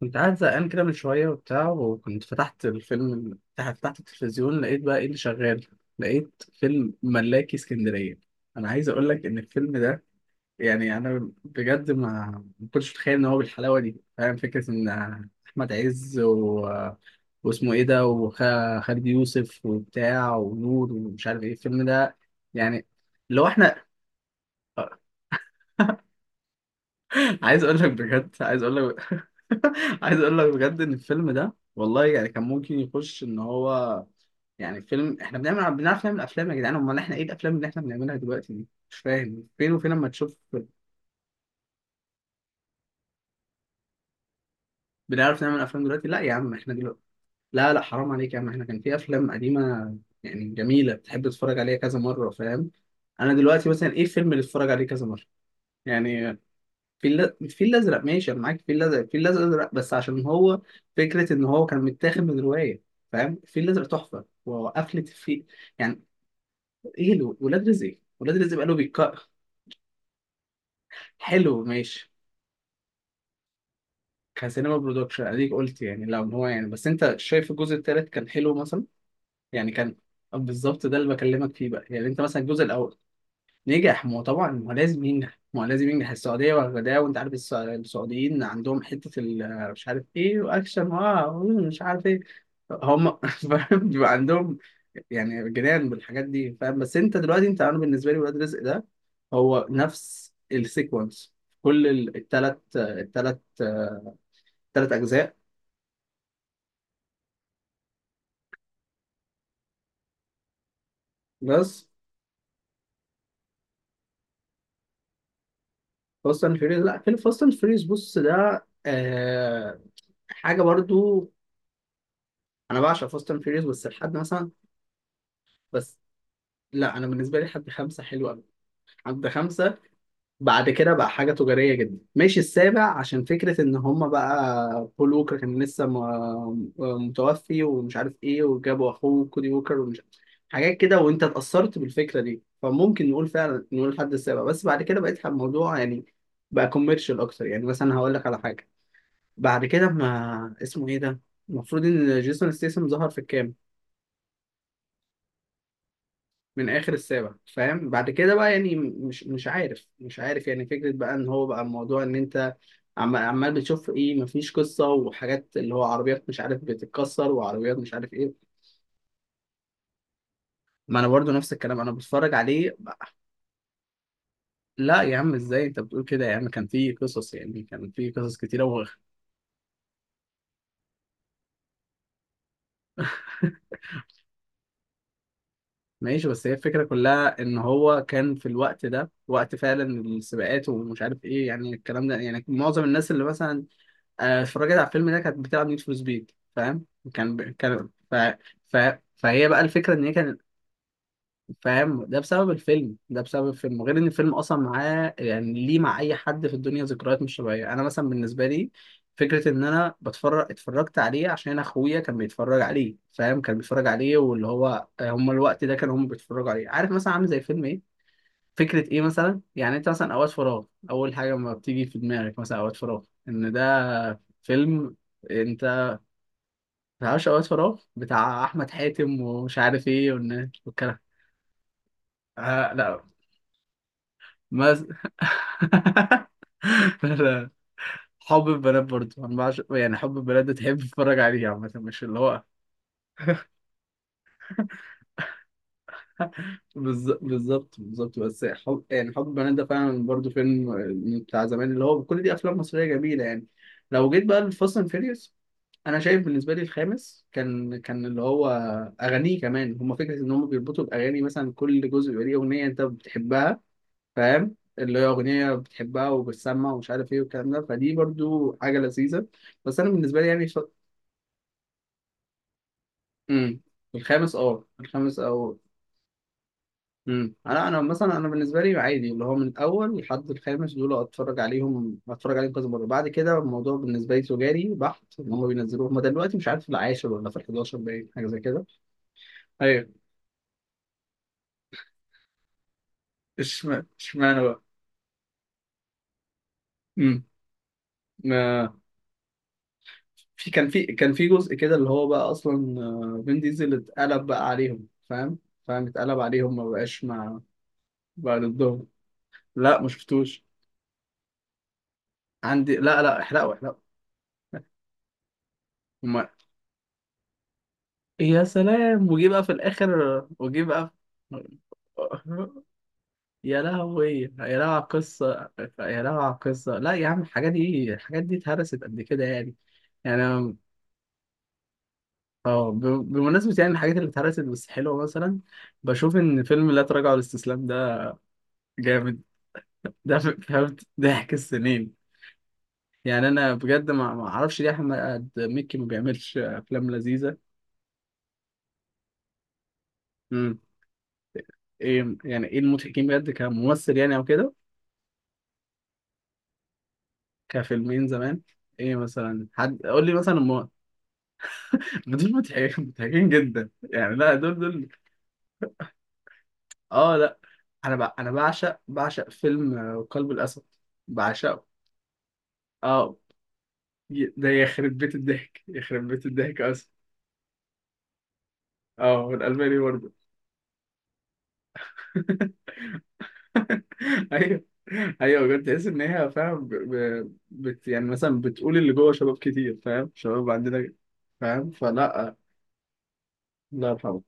كنت قاعد زهقان كده من شوية وبتاع، وكنت فتحت الفيلم، فتحت التلفزيون لقيت بقى ايه اللي شغال. لقيت فيلم ملاكي اسكندرية. أنا عايز أقول لك إن الفيلم ده، يعني أنا بجد ما كنتش متخيل إن هو بالحلاوة دي، فاهم؟ فكرة إن أحمد عز واسمه إيه ده، وخالد يوسف وبتاع ونور ومش عارف إيه الفيلم ده يعني. لو إحنا عايز اقول لك بجد، عايز اقول لك عايز اقول لك بجد ان الفيلم ده والله، يعني كان ممكن يخش، ان هو يعني فيلم، احنا بنعرف نعمل افلام يا جدعان. امال احنا ايه الافلام اللي احنا بنعملها دلوقتي دي؟ مش فاهم فين وفين اما تشوف. بنعرف نعمل افلام دلوقتي؟ لا يا عم، احنا دلوقتي، لا لا، حرام عليك يا عم، احنا كان في افلام قديمه يعني جميله، بتحب تتفرج عليها كذا مره، فاهم؟ انا دلوقتي مثلا ايه الفيلم اللي اتفرج عليه كذا مره يعني؟ الفيل الازرق. ماشي انا معاك، الفيل الازرق بس عشان هو فكره ان هو كان متاخد من روايه، فاهم؟ الفيل الازرق تحفه، وقفله الفيل يعني. ايه له ولاد رزق؟ ولاد رزق بقاله بيتكرر. حلو ماشي. كسينما برودكشن، اديك قلت يعني، لو هو يعني، بس انت شايف الجزء الثالث كان حلو مثلا يعني كان؟ بالظبط، ده اللي بكلمك فيه بقى، يعني انت مثلا الجزء الاول نجح. ما هو طبعا، ما هو لازم ينجح، ما هو لازم ينجح، السعودية واخداه، وانت عارف السعوديين عندهم حتة مش عارف ايه، واكشن، مش عارف ايه. هم فاهم؟ بيبقى عندهم يعني جنان بالحاجات دي، فاهم؟ بس انت دلوقتي، انت انا بالنسبة لي ولاد رزق ده هو نفس السيكونس. كل التلات تلات اجزاء. بس فاست اند فيوريوس، لا، فيلم فاست اند فيوريوس بص ده حاجه برضو. انا بعشق فاست اند فيوريوس، بس لحد مثلا. بس لا، انا بالنسبه لي حد خمسه حلو قوي. حد خمسه، بعد كده بقى حاجه تجاريه جدا. ماشي، السابع عشان فكره ان هم بقى بول ووكر كان لسه متوفي ومش عارف ايه، وجابوا اخوه كودي ووكر ومش عارف حاجات كده، وانت اتاثرت بالفكره دي، فممكن نقول فعلا نقول الحد السابع. بس بعد كده بقيت الموضوع يعني بقى كوميرشال اكتر، يعني مثلا هقول لك على حاجه. بعد كده ما اسمه ايه ده، المفروض ان جيسون ستيسم ظهر في الكام. من اخر السابع، فاهم؟ بعد كده بقى يعني مش عارف يعني، فكره بقى ان هو بقى الموضوع ان انت عمال بتشوف ايه. مفيش قصه، وحاجات اللي هو عربيات مش عارف بتتكسر، وعربيات مش عارف ايه. ما انا برضو نفس الكلام، انا بتفرج عليه بقى. لا يا عم، ازاي انت بتقول كده يا عم؟ كان في قصص يعني، كان في قصص كتيره ماشي، بس هي الفكرة كلها إن هو كان في الوقت ده، وقت فعلا السباقات ومش عارف إيه يعني، الكلام ده يعني معظم الناس اللي مثلا اتفرجت على الفيلم ده كانت بتلعب نيد فور سبيد، فاهم؟ كان ب... كان ف... ف... فهي بقى الفكره ان هي كانت، فاهم؟ ده بسبب الفيلم ده، بسبب الفيلم. غير ان الفيلم اصلا معاه يعني، ليه مع اي حد في الدنيا ذكريات مش طبيعيه. انا مثلا بالنسبه لي فكره ان انا بتفرج، اتفرجت عليه عشان اخويا كان بيتفرج عليه، فاهم؟ كان بيتفرج عليه، واللي هو هم الوقت ده كانوا هم بيتفرجوا عليه. عارف مثلا عامل زي فيلم ايه، فكرة إيه مثلا؟ يعني أنت مثلا أوقات فراغ، أول حاجة ما بتيجي في دماغك مثلا أوقات فراغ إن ده فيلم. أنت متعرفش أوقات فراغ بتاع أحمد حاتم ومش عارف إيه والكلام؟ آه لا، مز... لا. حب البنات برضه أنا يعني حب البنات ده تحب تتفرج عليه عامة، مش اللي هو. بالظبط بالظبط، بس حب يعني، حب البنات ده فعلا برضه فيلم بتاع زمان، اللي هو كل دي أفلام مصرية جميلة يعني. لو جيت بقى لفاست أند فيريوس، انا شايف بالنسبه لي الخامس كان، كان اللي هو اغانيه كمان. هم فكره ان هم بيربطوا الاغاني مثلا، كل جزء يبقى ليه اغنيه انت بتحبها، فاهم؟ اللي هي اغنيه بتحبها وبتسمع ومش عارف ايه والكلام ده. فدي برضو حاجه لذيذه، بس انا بالنسبه لي يعني امم الخامس، الخامس او، انا مثلا انا بالنسبه لي عادي اللي هو من الاول لحد الخامس دول، اتفرج عليهم كذا مره. بعد كده الموضوع بالنسبه لي تجاري بحت. ان هم بينزلوه هم دلوقتي، مش عارف في العاشر ولا في ال 11، باين حاجه زي كده. ايوه، اشمعنى اشمعنى بقى؟ امم ما في كان في كان في جزء كده اللي هو بقى اصلا فين، ديزل اتقلب بقى عليهم، فاهم؟ فاهم اتقلب عليهم، ما بقاش مع، بقى ضدهم. لا ما شفتوش. عندي، لا لا، احرقوا احرقوا. هما، يا سلام، وجي بقى في الاخر، وجي بقى. يا لهوي، يا لهوي على القصة، يا لهوي على القصة. لا يا عم الحاجات دي، الحاجات دي اتهرست قد كده يعني. يعني اه ب- بمناسبة يعني الحاجات اللي اتهرست بس حلوة، مثلا بشوف ان فيلم لا تراجع ولا استسلام ده جامد. ده فهمت ضحك السنين يعني. انا بجد ما اعرفش ليه احمد مكي ما بيعملش افلام لذيذة. امم ايه يعني ايه المضحكين بجد كممثل يعني او كده؟ كفيلمين زمان، ايه مثلا؟ حد قول لي مثلا ما دول مضحكين مضحكين جدا يعني، لا دول دول. اه لا، انا انا بعشق، بعشق فيلم قلب الاسد، بعشقه. اه ده يخرب بيت الضحك، يخرب بيت الضحك اصلا. اه هو الالماني برضه. ايوه ايوه بجد، تحس ان هي فاهم يعني مثلا بتقول اللي جوه شباب كتير، فاهم؟ شباب عندنا، فاهم؟ فلا. الله يرحمه.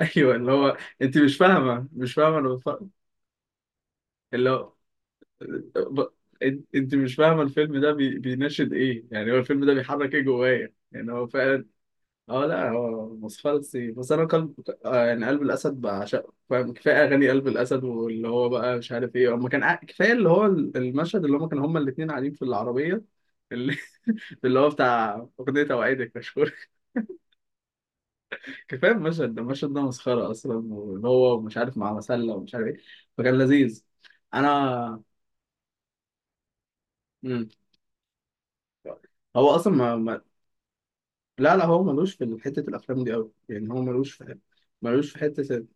ايوه، اللي هو انت مش فاهمه، مش فاهمه، انا بتفرج. اللي هو ب... انت مش فاهمه الفيلم ده بيناشد ايه يعني، هو الفيلم ده بيحرك ايه جوايا يعني، هو فعلا. اه لا هو مصفلسي، بس انا قلب يعني، قلب الاسد بعشقه، فاهم؟ كفايه اغاني قلب الاسد، واللي هو بقى مش عارف ايه، اما كفايه اللي هو المشهد اللي هم كانوا هم الاثنين قاعدين في العربيه. اللي, اللي هو بتاع اغنيه اوعدك مشهور. كفايه المشهد ده، المشهد ده مسخره اصلا، واللي هو مش عارف مع مسله ومش عارف ايه، فكان لذيذ. انا مم. هو اصلا ما... ما... لا لا، هو ملوش في حته الافلام دي قوي يعني، هو ملوش في، ملوش في حته.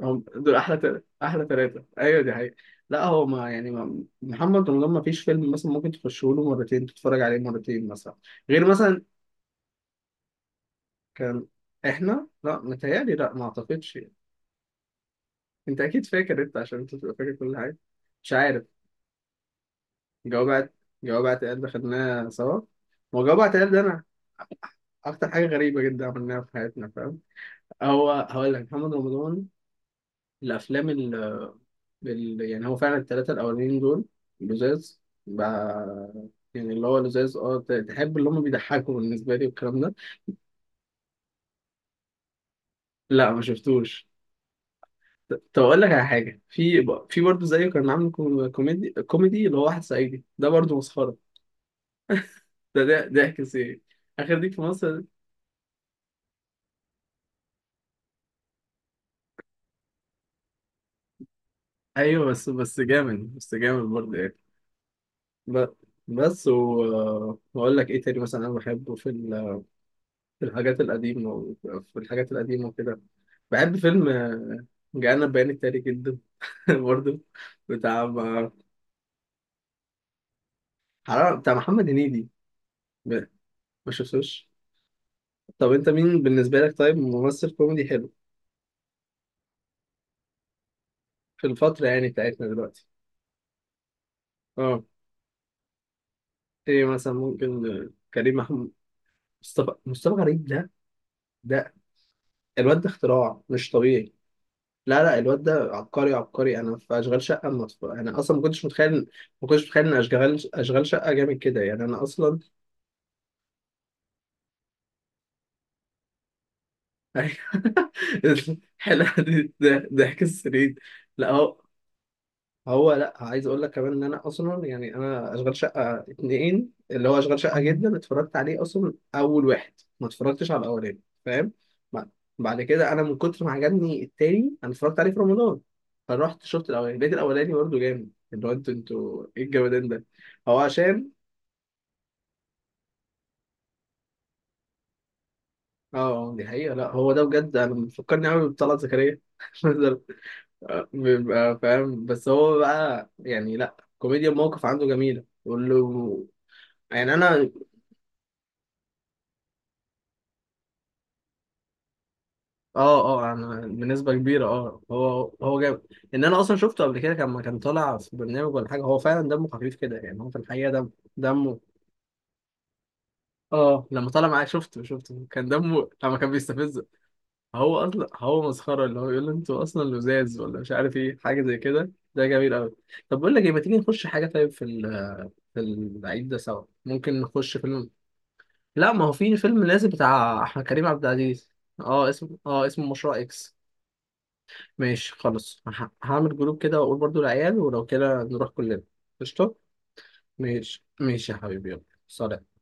هم دول احلى احلى ثلاثه، ايوه دي حقيقة. لا هو ما يعني ما... محمد رمضان ما فيش فيلم مثلا ممكن تخشه له مرتين، تتفرج عليه مرتين مثلا، غير مثلا، كان. احنا لا، متهيألي لا، ما اعتقدش يعني. انت اكيد فاكر، انت عشان انت تبقى فاكر كل حاجه مش عارف. جواب اعت- جواب اعتقاد ده خدناه سوا. ما هو جواب اعتقاد ده انا اكتر حاجه غريبه جدا عملناها في حياتنا، فاهم؟ هو هقول لك محمد رمضان الافلام يعني هو فعلا الثلاثه الاولانيين دول لزاز بقى، يعني اللي هو لزاز. تحب اللي هم بيضحكوا بالنسبه لي والكلام ده. لا ما شفتوش. طب اقول لك على حاجه، في في برضه زيه، كان عامل كوميدي كوميدي اللي هو واحد صعيدي، ده برضه مسخره، ده ضحك سي، اخر ديك في مصر. ايوه بس، بس جامد، بس جامد برضه يعني. ب- بس واقول لك ايه تاني، مثلا انا بحبه في في الحاجات القديمة في الحاجات القديمة وكده. بحب فيلم جانا البيان التالي جدا. برضو بتاع بتاع محمد هنيدي. ب- ما شفتوش. طب انت مين بالنسبة لك طيب، ممثل كوميدي حلو في الفترة يعني بتاعتنا دلوقتي؟ اه، ايه مثلا؟ ممكن كريم محمود. مصطفى غريب ده، ده الواد ده اختراع مش طبيعي. لا لا، الواد ده عبقري عبقري. انا في اشغال شقه مصر، انا اصلا ما كنتش متخيل، ما كنتش متخيل ان اشغال، اشغال شقه جامد كده يعني، انا اصلا. أيوة. حلقة دي ضحك السنين. لا هو، لا عايز اقول لك كمان ان انا اصلا يعني انا اشغال شقة اتنين اللي هو اشغال شقة جدا، اتفرجت عليه اصلا اول واحد، ما اتفرجتش على الاولاني، فاهم؟ بعد بعد كده انا من كتر ما عجبني التاني، انا اتفرجت عليه في رمضان. فرحت شفت الاولاني، لقيت الاولاني برضه جامد، اللي هو انتوا ايه الجمدان ده. هو عشان، اه دي حقيقة. لا هو ده بجد انا بيفكرني قوي بطلعت زكريا. بيبقى فاهم بس هو بقى يعني، لا كوميديا الموقف عنده جميلة، يقول له يعني انا. اه اه، انا بنسبة كبيرة، هو جاب ان انا اصلا شفته قبل كده لما كان طالع في برنامج ولا حاجة، هو فعلا دمه خفيف كده يعني، هو في الحقيقة دم دمه. اه لما طلع معايا شفته، كان دمه لما كان بيستفزه. هو اصلا هو مسخرة اللي هو يقول له انتوا اصلا لزاز ولا مش عارف ايه، حاجة زي كده، ده جميل قوي. طب بقول لك ايه، ما تيجي نخش حاجة طيب في العيد ده سوا ممكن نخش فيلم؟ لا ما هو في فيلم نازل بتاع احمد كريم عبد العزيز. اه اسمه، مشروع اكس. ماشي خلاص، هعمل جروب كده واقول برضو العيال ولو كده نروح كلنا. قشطة، ماشي ماشي يا حبيبي يلا، سلام.